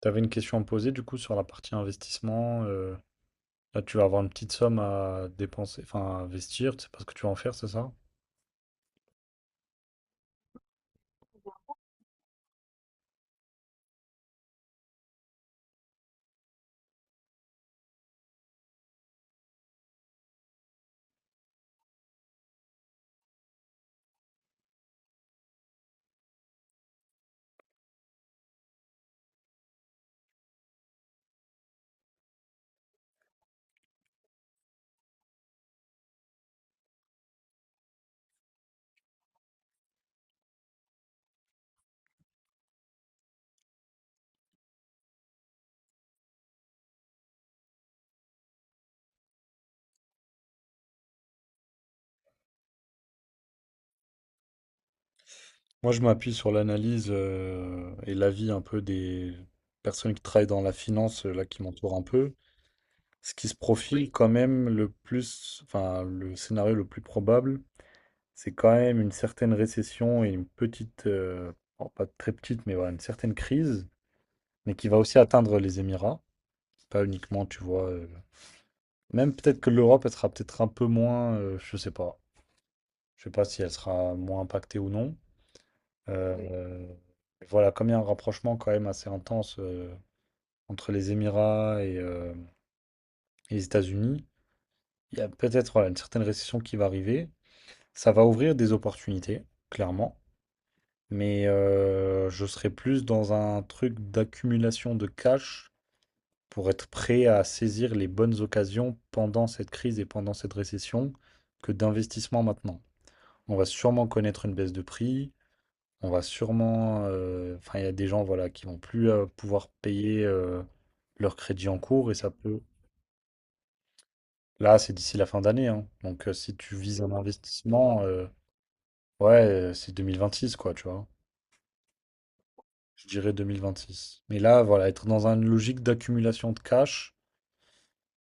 T'avais une question à me poser du coup sur la partie investissement. Là, tu vas avoir une petite somme à dépenser, enfin à investir, tu sais pas ce que tu vas en faire, c'est ça? Moi, je m'appuie sur l'analyse et l'avis un peu des personnes qui travaillent dans la finance, là, qui m'entourent un peu. Ce qui se profile Oui. quand même le plus, enfin le scénario le plus probable, c'est quand même une certaine récession et une petite, bon, pas très petite, mais voilà, une certaine crise, mais qui va aussi atteindre les Émirats. Pas uniquement, tu vois. Même peut-être que l'Europe, elle sera peut-être un peu moins, je sais pas. Je sais pas si elle sera moins impactée ou non. Oui. Voilà, comme il y a un rapprochement quand même assez intense entre les Émirats et les États-Unis, il y a peut-être voilà, une certaine récession qui va arriver. Ça va ouvrir des opportunités, clairement. Mais je serai plus dans un truc d'accumulation de cash pour être prêt à saisir les bonnes occasions pendant cette crise et pendant cette récession que d'investissement maintenant. On va sûrement connaître une baisse de prix. On va sûrement. Enfin, il y a des gens voilà, qui vont plus pouvoir payer leur crédit en cours et ça peut. Là, c'est d'ici la fin d'année. Hein. Donc, si tu vises un investissement, ouais, c'est six quoi, tu vois. Je dirais 2026. Mais là, voilà, être dans une logique d'accumulation de cash,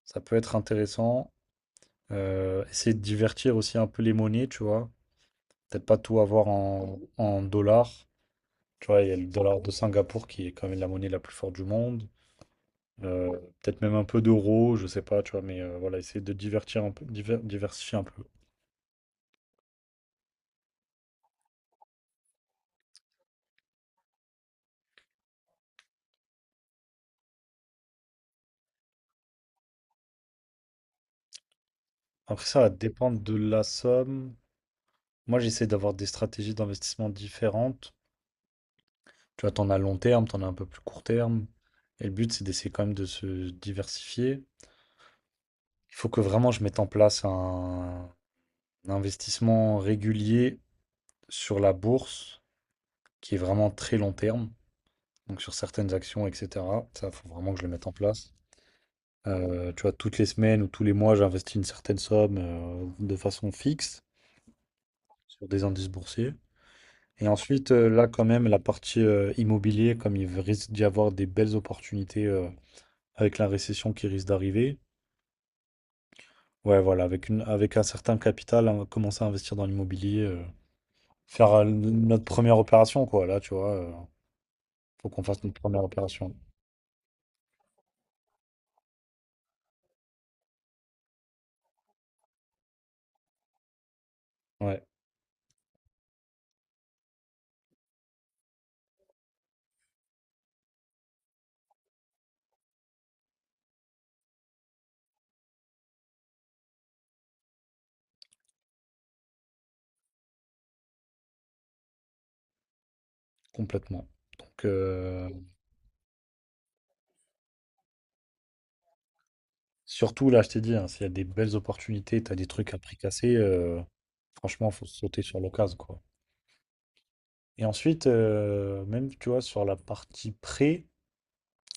ça peut être intéressant. Essayer de divertir aussi un peu les monnaies, tu vois. Peut-être pas tout avoir en, en dollars. Tu vois, il y a le dollar de Singapour qui est quand même la monnaie la plus forte du monde. Euh, peut-être même un peu d'euros, je sais pas, tu vois, mais voilà, essayer de divertir un peu, diversifier un peu. Après, ça va dépendre de la somme. Moi, j'essaie d'avoir des stratégies d'investissement différentes. Tu vois, t'en as long terme, t'en as un peu plus court terme. Et le but, c'est d'essayer quand même de se diversifier. Il faut que vraiment je mette en place un investissement régulier sur la bourse qui est vraiment très long terme. Donc sur certaines actions, etc. Ça, faut vraiment que je le mette en place. Tu vois, toutes les semaines ou tous les mois, j'investis une certaine somme de façon fixe sur des indices boursiers. Et ensuite, là, quand même, la partie immobilier, comme il risque d'y avoir des belles opportunités avec la récession qui risque d'arriver. Ouais, voilà, avec une, avec un certain capital, hein, commencer à investir dans l'immobilier, faire notre première opération, quoi. Là, tu vois, faut qu'on fasse notre première opération. Ouais, complètement. Donc, Surtout là, je t'ai dit, hein, s'il y a des belles opportunités, t'as des trucs à prix cassé, franchement, faut sauter sur l'occasion, quoi. Et ensuite, même, tu vois, sur la partie prêt,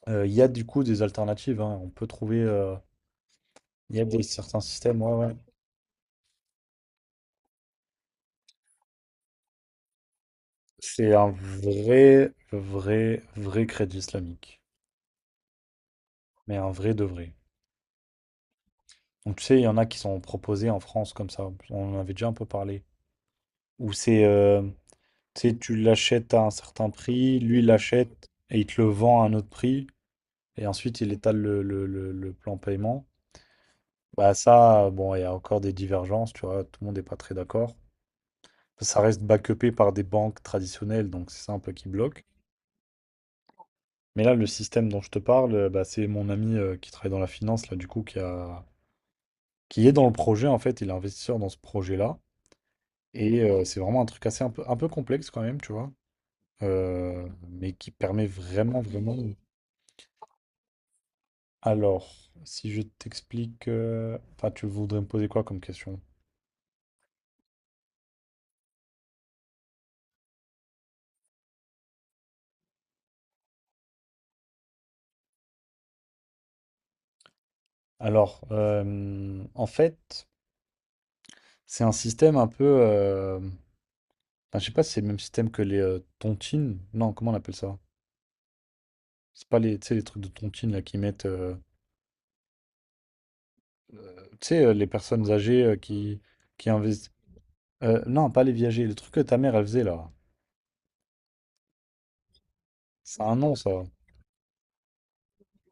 il y a du coup des alternatives, hein. On peut trouver, il y a des, certains systèmes, ouais, ouais. C'est un vrai, vrai, vrai crédit islamique. Mais un vrai de vrai. Donc, tu sais, il y en a qui sont proposés en France comme ça. On en avait déjà un peu parlé. Où c'est, tu sais, tu l'achètes à un certain prix, lui l'achète et il te le vend à un autre prix. Et ensuite il étale le plan paiement. Bah ça, bon, il y a encore des divergences, tu vois, tout le monde n'est pas très d'accord. Ça reste backupé par des banques traditionnelles, donc c'est ça un peu qui bloque. Mais là, le système dont je te parle, bah, c'est mon ami qui travaille dans la finance, là, du coup, qui a... qui est dans le projet, en fait, il est investisseur dans ce projet-là. Et c'est vraiment un truc assez un peu complexe quand même, tu vois, mais qui permet vraiment, vraiment... Alors, si je t'explique... Enfin, tu voudrais me poser quoi comme question? Alors, en fait, c'est un système un peu. Enfin, je sais pas si c'est le même système que les tontines. Non, comment on appelle ça? C'est pas les, tu sais, les trucs de tontines là qui mettent. Tu sais, les personnes âgées qui investissent. Non, pas les viagers. Le truc que ta mère elle faisait là. C'est un nom ça.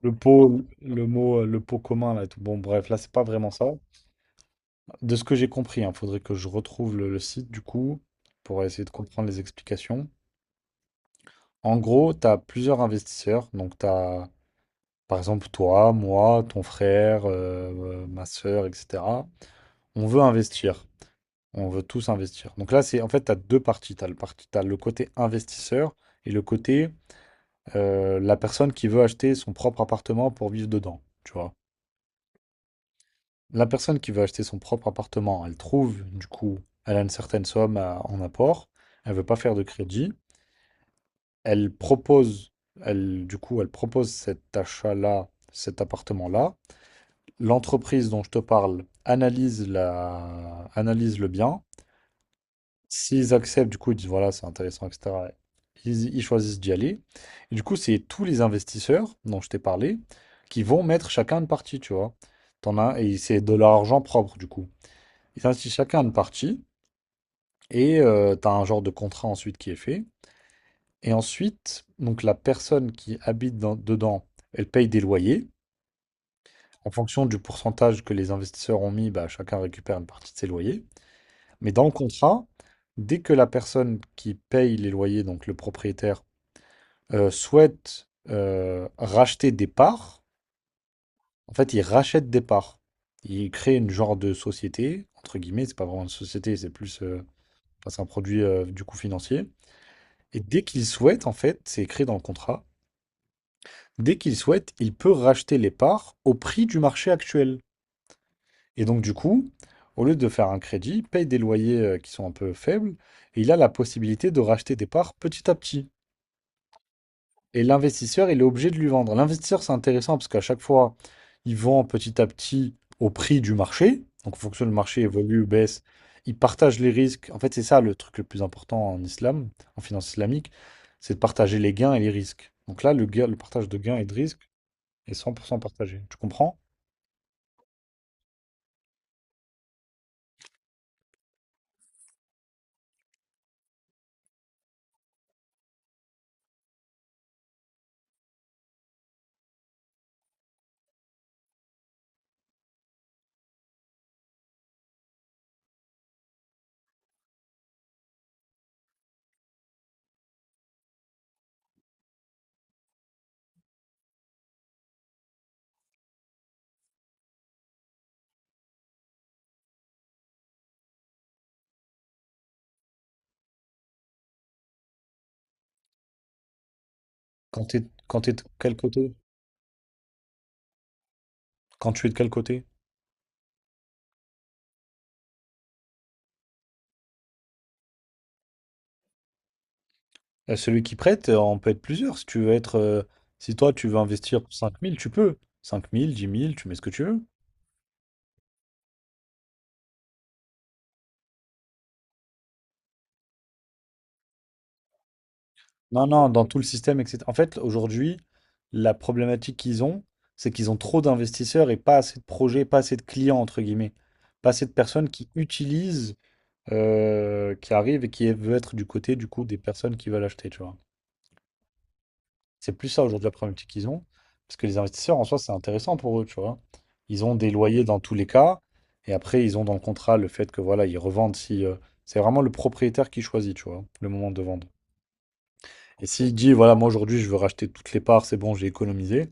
Le pot, le mot, le pot commun là. Et tout. Bon, bref, là c'est pas vraiment ça. De ce que j'ai compris, il faudrait que je retrouve le site du coup pour essayer de comprendre les explications. En gros, tu as plusieurs investisseurs. Donc, tu as Par exemple, toi, moi, ton frère, ma sœur, etc. On veut investir. On veut tous investir. Donc là, c'est en fait, tu as deux parties. Tu as le parti, t'as le côté investisseur et le côté la personne qui veut acheter son propre appartement pour vivre dedans. Tu vois. La personne qui veut acheter son propre appartement, elle trouve, du coup, elle a une certaine somme en apport. Elle veut pas faire de crédit. Elle propose, elle, du coup, elle propose cet achat-là, cet appartement-là. L'entreprise dont je te parle analyse la... analyse le bien. S'ils acceptent, du coup, ils disent voilà, c'est intéressant, etc. Ils choisissent d'y aller. Et du coup, c'est tous les investisseurs dont je t'ai parlé qui vont mettre chacun une partie, tu vois. T'en as, et c'est de leur argent propre, du coup. Ils investissent chacun une partie et t'as un genre de contrat ensuite qui est fait. Et ensuite, donc la personne qui dedans, elle paye des loyers. En fonction du pourcentage que les investisseurs ont mis, bah, chacun récupère une partie de ses loyers. Mais dans le contrat, dès que la personne qui paye les loyers, donc le propriétaire, souhaite racheter des parts, en fait, il rachète des parts. Il crée une genre de société, entre guillemets, c'est pas vraiment une société, c'est plus enfin, c'est un produit du coup financier. Et dès qu'il souhaite, en fait, c'est écrit dans le contrat, dès qu'il souhaite, il peut racheter les parts au prix du marché actuel. Et donc, du coup, au lieu de faire un crédit, il paye des loyers qui sont un peu faibles et il a la possibilité de racheter des parts petit à petit. Et l'investisseur, il est obligé de lui vendre. L'investisseur, c'est intéressant parce qu'à chaque fois, il vend petit à petit au prix du marché. Donc, en fonction du marché évolue ou baisse, il partage les risques. En fait, c'est ça le truc le plus important en islam, en finance islamique, c'est de partager les gains et les risques. Donc là, le partage de gains et de risques est 100% partagé. Tu comprends? Quand t'es de quel côté? Quand tu es de quel côté? Celui qui prête, on peut être plusieurs. Si tu veux être, si toi tu veux investir 5000, tu peux. 5000, 10 000, tu mets ce que tu veux. Non, non, dans tout le système, etc. En fait, aujourd'hui, la problématique qu'ils ont, c'est qu'ils ont trop d'investisseurs et pas assez de projets, pas assez de clients, entre guillemets. Pas assez de personnes qui utilisent, qui arrivent et qui veulent être du côté, du coup, des personnes qui veulent acheter, tu vois. C'est plus ça aujourd'hui la problématique qu'ils ont. Parce que les investisseurs, en soi, c'est intéressant pour eux, tu vois. Ils ont des loyers dans tous les cas. Et après, ils ont dans le contrat le fait que voilà, ils revendent si. C'est vraiment le propriétaire qui choisit, tu vois, le moment de vendre. Et s'il dit, voilà, moi aujourd'hui, je veux racheter toutes les parts, c'est bon, j'ai économisé,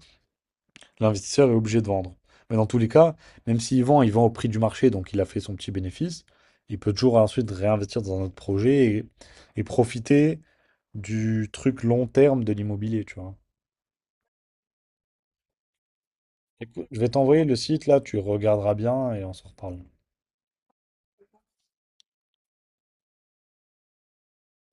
l'investisseur est obligé de vendre. Mais dans tous les cas, même s'il vend, il vend au prix du marché, donc il a fait son petit bénéfice. Il peut toujours ensuite réinvestir dans un autre projet et profiter du truc long terme de l'immobilier, tu vois. Écoute, je vais t'envoyer le site, là, tu regarderas bien et on se reparle.